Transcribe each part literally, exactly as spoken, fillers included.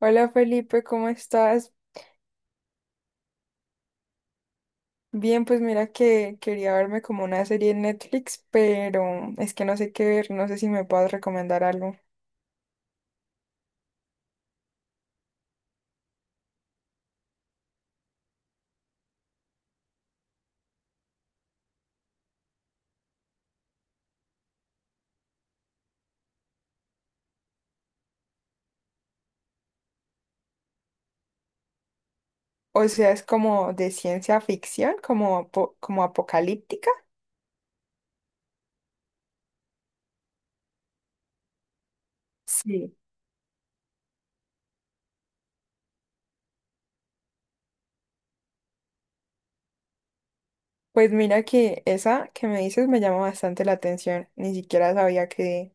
Hola Felipe, ¿cómo estás? Bien, pues mira que quería verme como una serie en Netflix, pero es que no sé qué ver, no sé si me puedes recomendar algo. O sea, es como de ciencia ficción, como, apo- como apocalíptica. Sí. Pues mira que esa que me dices me llama bastante la atención, ni siquiera sabía que,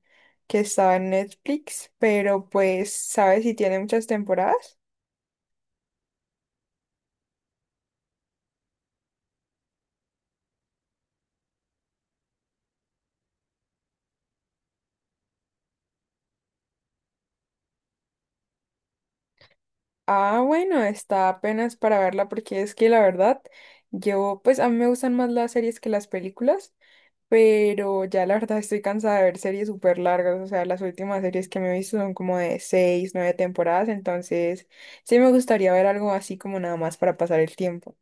que estaba en Netflix, pero pues, ¿sabes si tiene muchas temporadas? Ah, bueno, está apenas para verla porque es que la verdad, yo pues a mí me gustan más las series que las películas, pero ya la verdad estoy cansada de ver series súper largas, o sea, las últimas series que me he visto son como de seis, nueve temporadas, entonces sí me gustaría ver algo así como nada más para pasar el tiempo.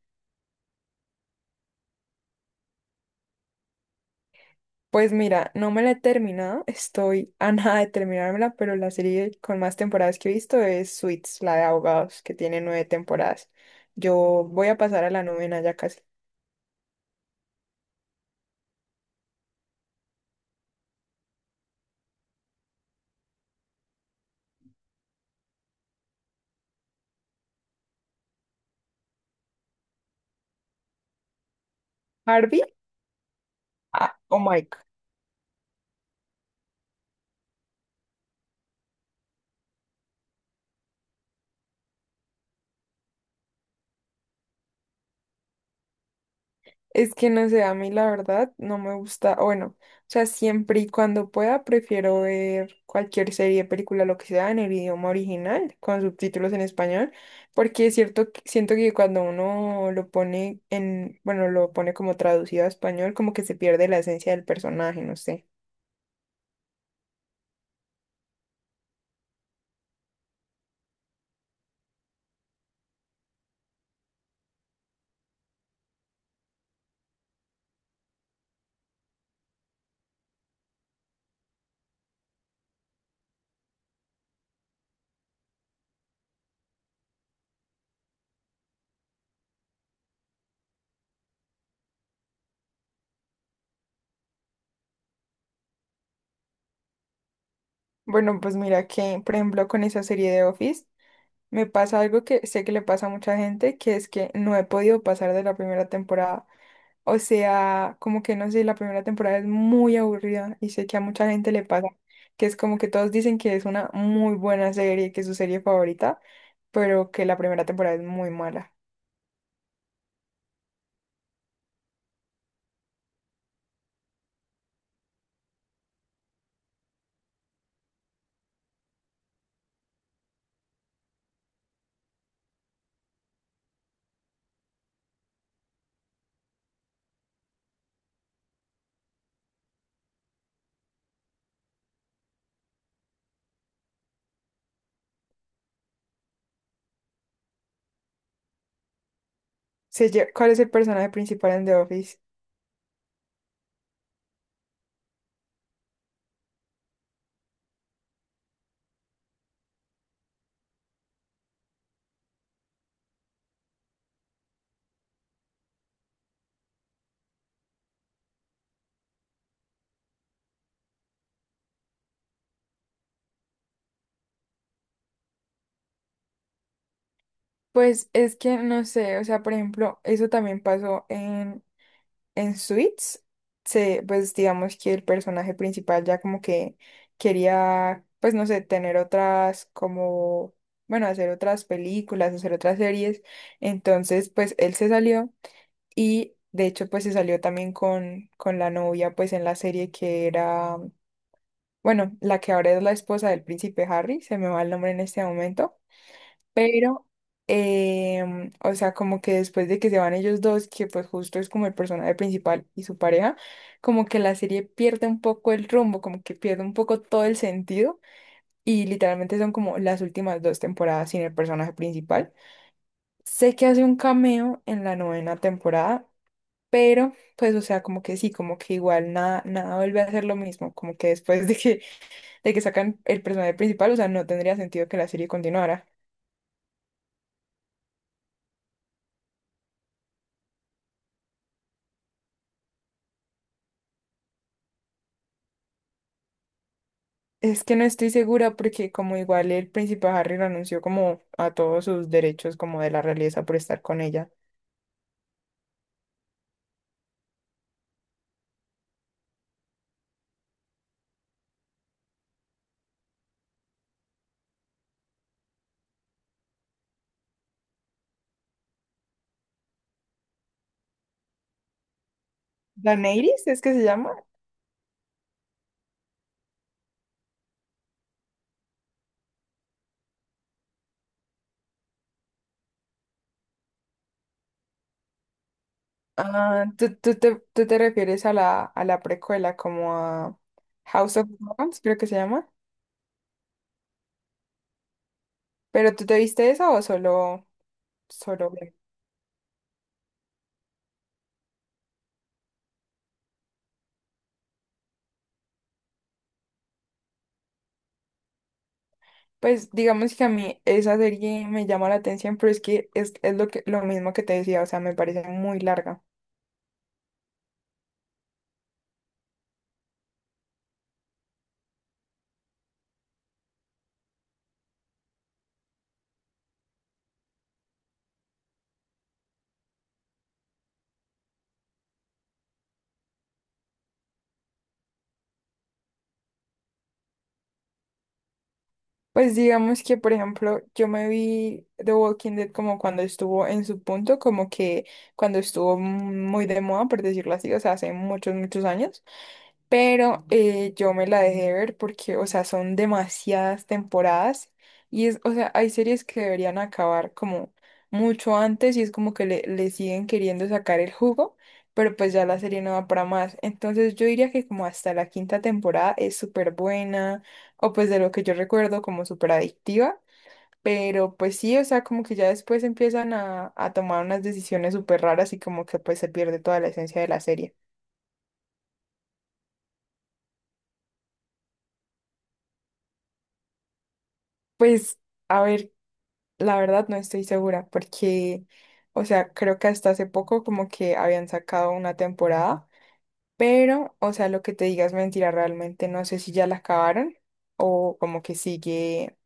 Pues mira, no me la he terminado, estoy a nada de terminármela, pero la serie con más temporadas que he visto es Suits, la de abogados, que tiene nueve temporadas. Yo voy a pasar a la novena ya casi. Harvey. Ah, oh my. g- Es que no sé, a mí la verdad no me gusta, o bueno, o sea, siempre y cuando pueda prefiero ver cualquier serie, película, lo que sea en el idioma original, con subtítulos en español, porque es cierto, que- siento que cuando uno lo pone en, bueno, lo pone como traducido a español, como que se pierde la esencia del personaje, no sé. Bueno, pues mira que, por ejemplo, con esa serie de Office, me pasa algo que sé que le pasa a mucha gente, que es que no he podido pasar de la primera temporada. O sea, como que no sé, la primera temporada es muy aburrida y sé que a mucha gente le pasa, que es como que todos dicen que es una muy buena serie, que es su serie favorita, pero que la primera temporada es muy mala. Se lle- ¿Cuál es el personaje principal en The Office? Pues es que no sé, o sea, por ejemplo, eso también pasó en Suits, se, pues digamos que el personaje principal ya como que quería, pues no sé, tener otras como, bueno, hacer otras películas, hacer otras series. Entonces, pues él se salió y de hecho pues se salió también con, con la novia pues en la serie que era, bueno, la que ahora es la esposa del príncipe Harry, se me va el nombre en este momento. Pero, em, o sea, como que después de que se van ellos dos, que pues justo es como el personaje principal y su pareja, como que la serie pierde un poco el rumbo, como que pierde un poco todo el sentido y literalmente son como las últimas dos temporadas sin el personaje principal. Sé que hace un cameo en la novena temporada, pero pues, o sea, como que sí, como que igual nada, nada vuelve a ser lo mismo, como que después de que, de que sacan el personaje principal, o sea, no tendría sentido que la serie continuara. Es que no estoy segura porque como igual el príncipe Harry lo anunció como a todos sus derechos como de la realeza por estar con ella. ¿Daenerys es que se llama? Ah, ¿tú, tú te, tú te refieres a la, a la precuela como a House of Dragons, ¿creo que se llama? ¿Pero tú te viste esa o solo, solo? Game? Pues digamos que a mí esa serie me llama la atención, pero es que es, es lo que, lo mismo que te decía, o sea, me parece muy larga. Pues digamos que, por ejemplo, yo me vi The Walking Dead como cuando estuvo en su punto, como que cuando estuvo muy de moda, por decirlo así, o sea, hace muchos, muchos años. Pero eh, yo me la dejé ver porque, o sea, son demasiadas temporadas y es, o sea, hay series que deberían acabar como mucho antes y es como que le, le siguen queriendo sacar el jugo, pero pues ya la serie no va para más. Entonces yo diría que como hasta la quinta temporada es súper buena o pues de lo que yo recuerdo como súper adictiva. Pero pues sí, o sea, como que ya después empiezan a, a tomar unas decisiones súper raras y como que pues se pierde toda la esencia de la serie. Pues a ver. La verdad no estoy segura porque, o sea, creo que hasta hace poco como que habían sacado una temporada, pero, o sea, lo que te digas mentira, realmente no sé si ya la acabaron o como que sigue,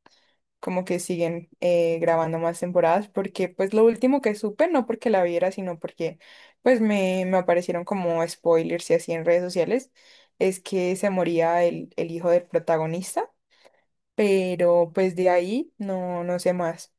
como que siguen eh, grabando más temporadas porque pues lo último que supe, no porque la viera, sino porque pues me, me aparecieron como spoilers y así en redes sociales, es que se moría el, el hijo del protagonista, pero pues de ahí no, no sé más.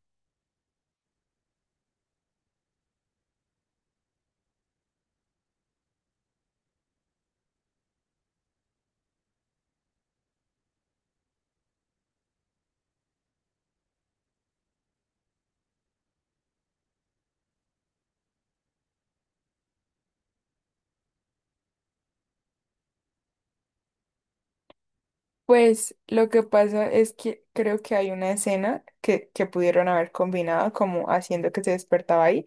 Pues lo que pasa es que creo que hay una escena que, que pudieron haber combinado como haciendo que se despertaba ahí,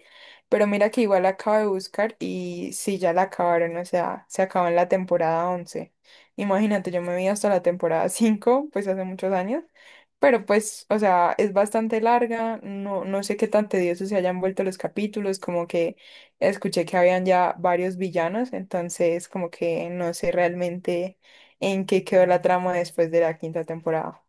pero mira que igual la acabo de buscar y sí, ya la acabaron, o sea, se acabó en la temporada once. Imagínate, yo me vi hasta la temporada cinco, pues hace muchos años, pero pues, o sea, es bastante larga, no, no sé qué tan tediosos se hayan vuelto los capítulos, como que escuché que habían ya varios villanos, entonces como que no sé realmente en qué quedó la trama después de la quinta temporada.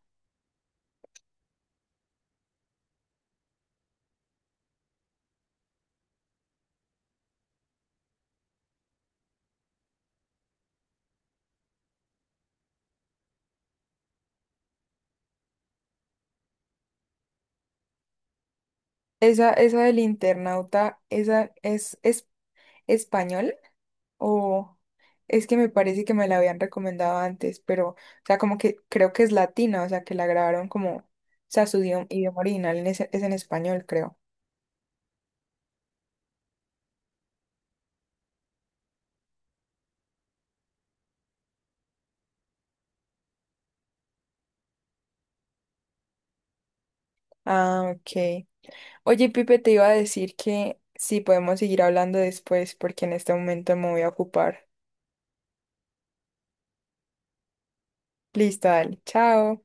Esa, esa del internauta, ¿esa es, es español? O es que me parece que me la habían recomendado antes, pero, o sea, como que creo que es latina, o sea, que la grabaron como, o sea, su idioma, idioma original en ese- es en español, creo. Ah, ok. Oye, Pipe, te iba a decir que sí, podemos seguir hablando después, porque en este momento me voy a ocupar. Listo, dale, chao.